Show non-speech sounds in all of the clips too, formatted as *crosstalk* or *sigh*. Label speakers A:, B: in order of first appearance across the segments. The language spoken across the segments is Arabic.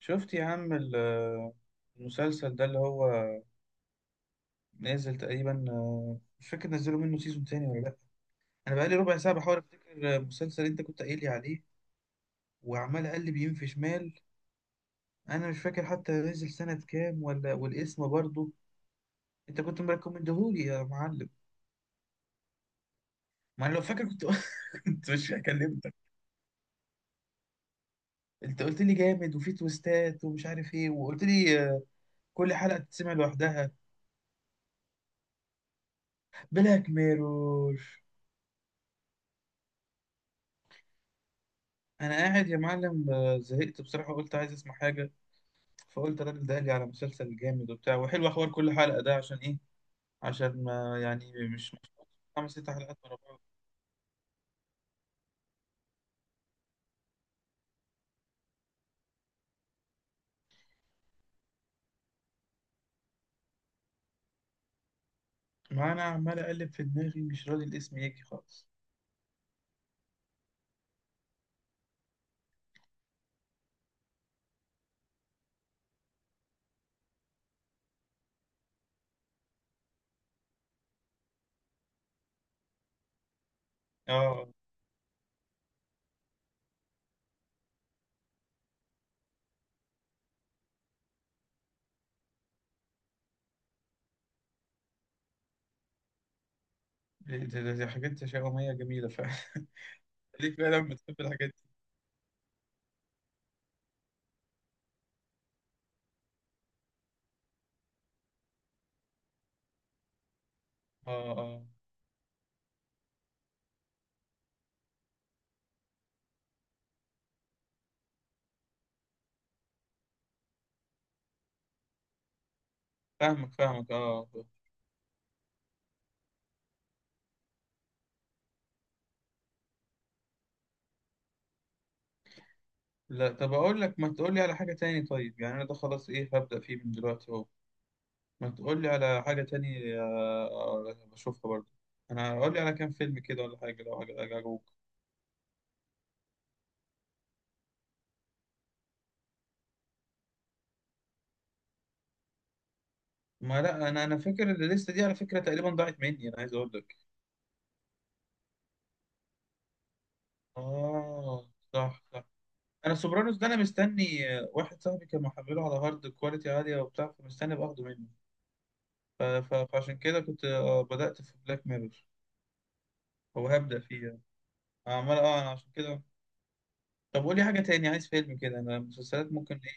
A: شفت يا عم المسلسل ده اللي هو نازل تقريبا، مش فاكر نزلوا منه سيزون تاني ولا لأ. أنا بقالي ربع ساعة بحاول أفتكر المسلسل اللي أنت كنت قايل لي عليه، وعمال أقلب يمين في شمال. أنا مش فاكر حتى نزل سنة كام ولا والاسم برضه، أنت كنت مريكومندهولي يا معلم. ما أنا لو فاكر كنت *laughs* كنت مش هكلمك. أنت قلت لي جامد وفي تويستات ومش عارف إيه، وقلت لي كل حلقة تتسمع لوحدها. بلاك ميرور. انا قاعد يا معلم، زهقت بصراحه، قلت عايز اسمع حاجه. فقلت الراجل ده قال لي على مسلسل جامد وبتاع وحلو، اخبار كل حلقه ده عشان ايه؟ عشان ما يعني خمس ست حلقات ورا بعض. ما انا عمال اقلب في دماغي، مش راضي الاسم يجي خالص. اه، دي حاجات تشاؤميه جميله فعلا *laughs* ليك فعلا بتحب الحاجات دي. اه، اه، فاهمك فاهمك، اه. لا، طب اقول لك ما تقول لي على حاجه تاني طيب، يعني انا ده خلاص، ايه هبدا فيه من دلوقتي اهو. ما تقول لي على حاجة تاني بشوفها برضه. انا اقول لي على كام فيلم كده ولا حاجة، لو حاجة عجبوك. ما لا انا فاكر الليستة دي على فكرة تقريبا ضاعت مني، انا عايز اقول لك. اه، صح صح. انا سوبرانوس ده انا مستني، واحد صاحبي كان محمله على هارد كواليتي عالية وبتاع، فمستني باخده منه. فعشان كده كنت بدأت في بلاك ميرور، او هبدأ فيه يعني. عمال اه، انا عشان كده. طب قول لي حاجة تاني، عايز فيلم كده، انا مسلسلات ممكن ايه.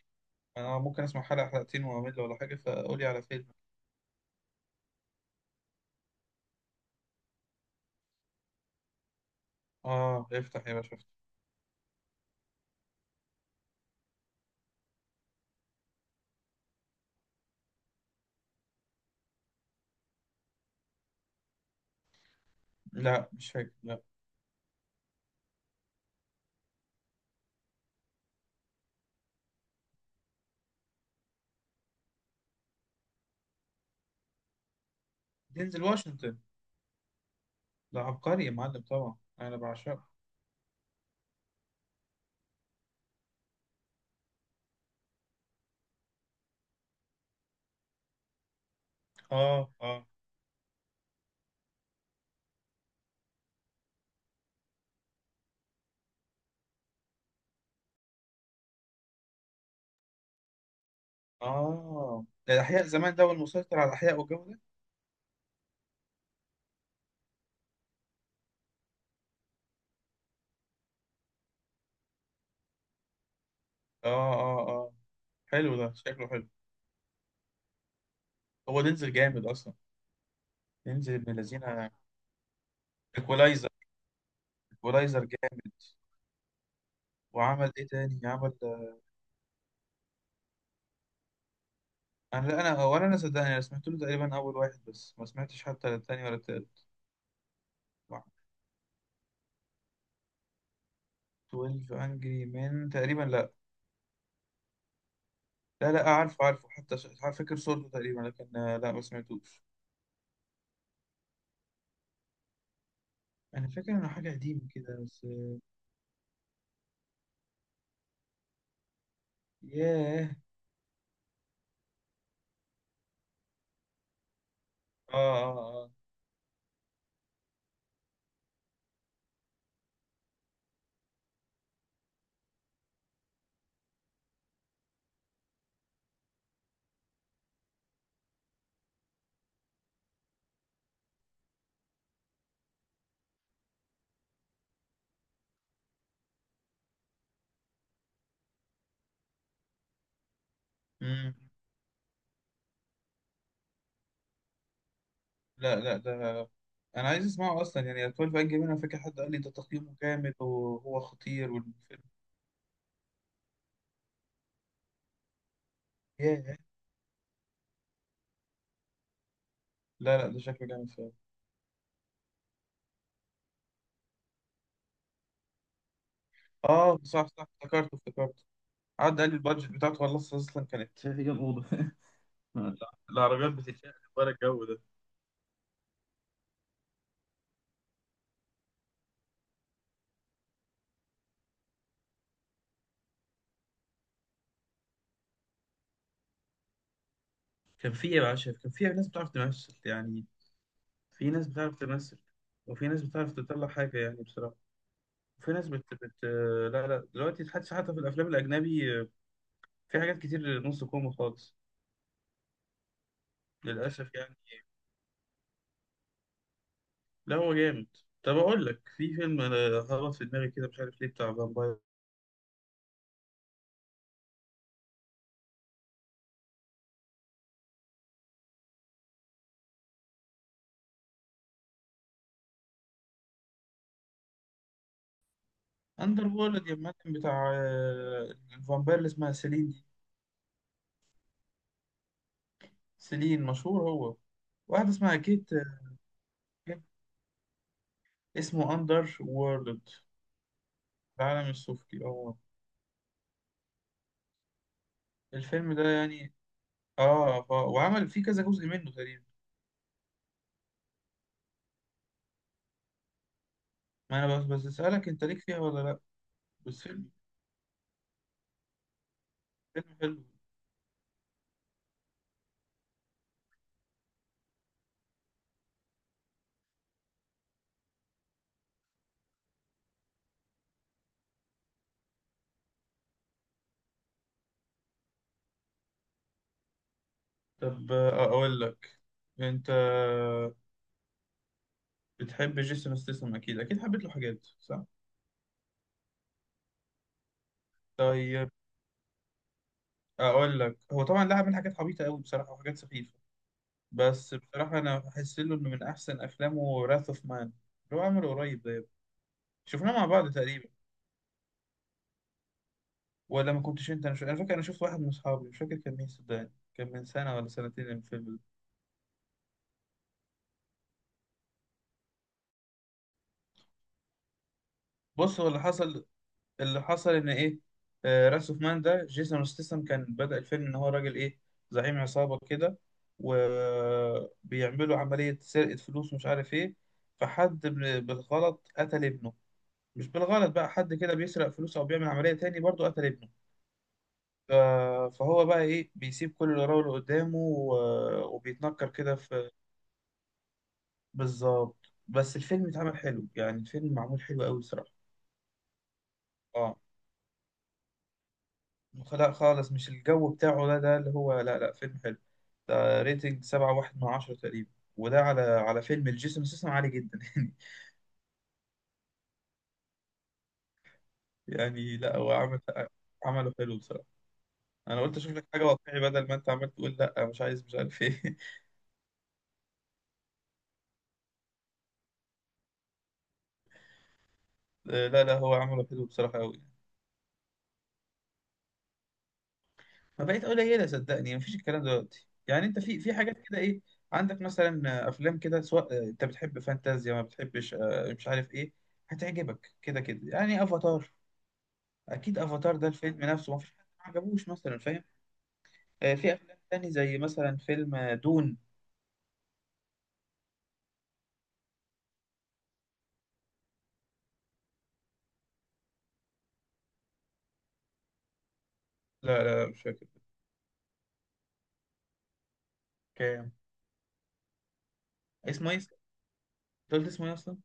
A: انا ممكن اسمع حلقة حلقتين واعمل ولا حاجة، فقول لي على فيلم. اه، افتح يا باشا افتح. لا مش فاكر، لا. دينزل واشنطن ده عبقري يا معلم، طبعا انا بعشقه. اه اه اه. ده الاحياء زمان ده، والمسيطر على الاحياء والجو ده. اه اه اه. حلو، ده شكله حلو. هو دينزل جامد اصلا. دينزل ابن الذين. ايكولايزر. ايكولايزر جامد. وعمل ايه تاني؟ عمل. انا لا، انا ولا انا صدقني، انا سمعت له تقريبا اول واحد بس ما سمعتش حتى التاني ولا التالت. 12 انجري من تقريبا. لا لا، عارفه عارفه، حتى فاكر صورته تقريبا، لكن لا ما سمعتوش. انا فاكر انه حاجه قديمه كده بس. ياه. اه اه اه. مم. لا لا، ده انا عايز اسمعه اصلا يعني. 12 انجري مان، انا فاكر حد قال لي ده تقييمه جامد وهو خطير، والفيلم. ياه. لا لا، ده شكله جامد فعلا. اه صح صح، افتكرته افتكرته. قعد قال لي البادجت بتاعته خلاص اصلا كانت، شايف كام اوضه *laughs* العربيات بتتشقلب ورا، الجو ده. كان في إيه يا باشا؟ كان في ناس بتعرف تمثل يعني. في ناس بتعرف تمثل، وفي ناس بتعرف تطلع حاجة يعني بصراحة. وفي ناس لا لا، دلوقتي حتى حتى في الأفلام الأجنبي في حاجات كتير نص كوم خالص، للأسف يعني. لا هو جامد. طب أقول لك في فيلم، أنا هبط في دماغي كده مش عارف ليه، بتاع فامباير. أندر وورلد يا معلم، بتاع الفامباير اللي اسمها سيلين دي. سيلين، مشهور هو. واحدة اسمها كيت. كيت. اسمه أندر وورلد، العالم السفلي، اه. الفيلم ده يعني، اه، وعمل فيه كذا جزء منه تقريبا. ما انا بس بس اسالك، انت ليك فيها ولا لا. بس فيلم، فيلم حلو. طب اقول لك، انت بتحب جيسون ستاثام اكيد، اكيد حبيت له حاجات صح. طيب اقول لك، هو طبعا لا، عمل حاجات عبيطه قوي بصراحه وحاجات سخيفه، بس بصراحه انا بحس له انه من احسن افلامه راث اوف مان، اللي هو عمله قريب ده. شفناه مع بعض تقريبا، ولا ما كنتش انت. انا فاكر انا شفت واحد من اصحابي، مش فاكر كان مين صدقني، كان من سنه ولا سنتين الفيلم ده. بص هو اللي حصل، اللي حصل ان ايه، راس اوف مان ده جيسون ستاثام، كان بدأ الفيلم ان هو راجل ايه، زعيم عصابة كده، وبيعملوا عملية سرقة فلوس ومش عارف ايه، فحد بالغلط قتل ابنه. مش بالغلط بقى، حد كده بيسرق فلوس او بيعمل عملية تاني برضه قتل ابنه. ف- فهو بقى ايه، بيسيب كل اللي وراه واللي قدامه وبيتنكر كده في. بالظبط، بس الفيلم اتعمل حلو يعني، الفيلم معمول حلو قوي صراحة. اه، لا خالص مش الجو بتاعه ده، ده اللي هو لا لا، فيلم حلو. ده ريتنج سبعة واحد من عشرة تقريبا، وده على على فيلم الجيسون سيسم عالي جدا *laughs* يعني. يعني لا هو عمل، عمله حلو بصراحة. أنا قلت أشوف لك حاجة واقعي بدل ما أنت عمال تقول لا مش عايز مش عارف إيه. *laughs* لا لا، هو عمله حلو بصراحة أوي. ما بقيت قليلة صدقني، مفيش الكلام دلوقتي يعني. أنت في حاجات كده إيه، عندك مثلا أفلام كده، سواء أنت بتحب فانتازيا ما بتحبش مش عارف إيه، هتعجبك كده كده، يعني افاتار. اكيد افاتار ده الفيلم نفسه ما فيش حد ما عجبوش مثلا، فاهم. في افلام تاني زي مثلا فيلم، دون. لا لا لا، مش فاكر. كام؟ اسمه ايه؟ أنت قلت اسمه ايه اصلا؟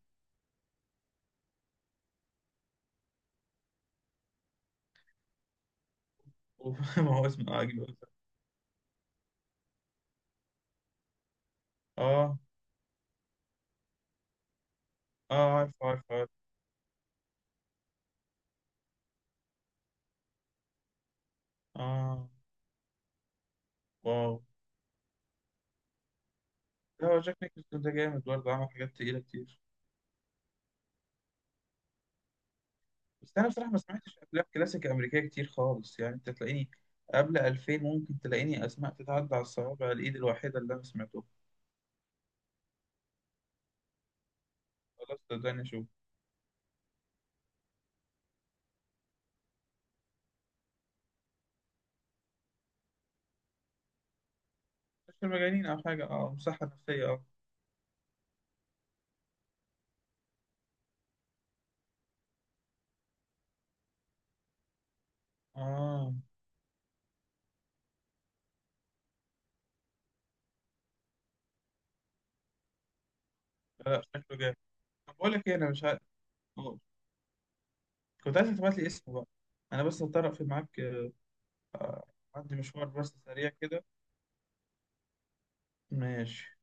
A: *laughs* ما هو اسمه عجيب أصلاً. اه اه، عارف عارف عارف. اه. واو. لا هو جاك نيكلسون ده جامد برضه، عمل حاجات تقيلة كتير. بس انا بصراحة ما سمعتش افلام كلاسيك امريكية كتير خالص يعني، انت تلاقيني قبل 2000 ممكن تلاقيني اسماء تتعدى على الصوابع الايد الواحدة اللي انا سمعتها. خلاص صدقني اشوف. مش المجانين او حاجة، اه، مصحة نفسية، اه. اه، لا لا، شكله جامد. طب بقول لك ايه، انا مش عارف. أوه. كنت عايز تبعت لي اسمه بقى، انا بس هطرق في معاك، عندي مشوار بس سريع كده. ماشي.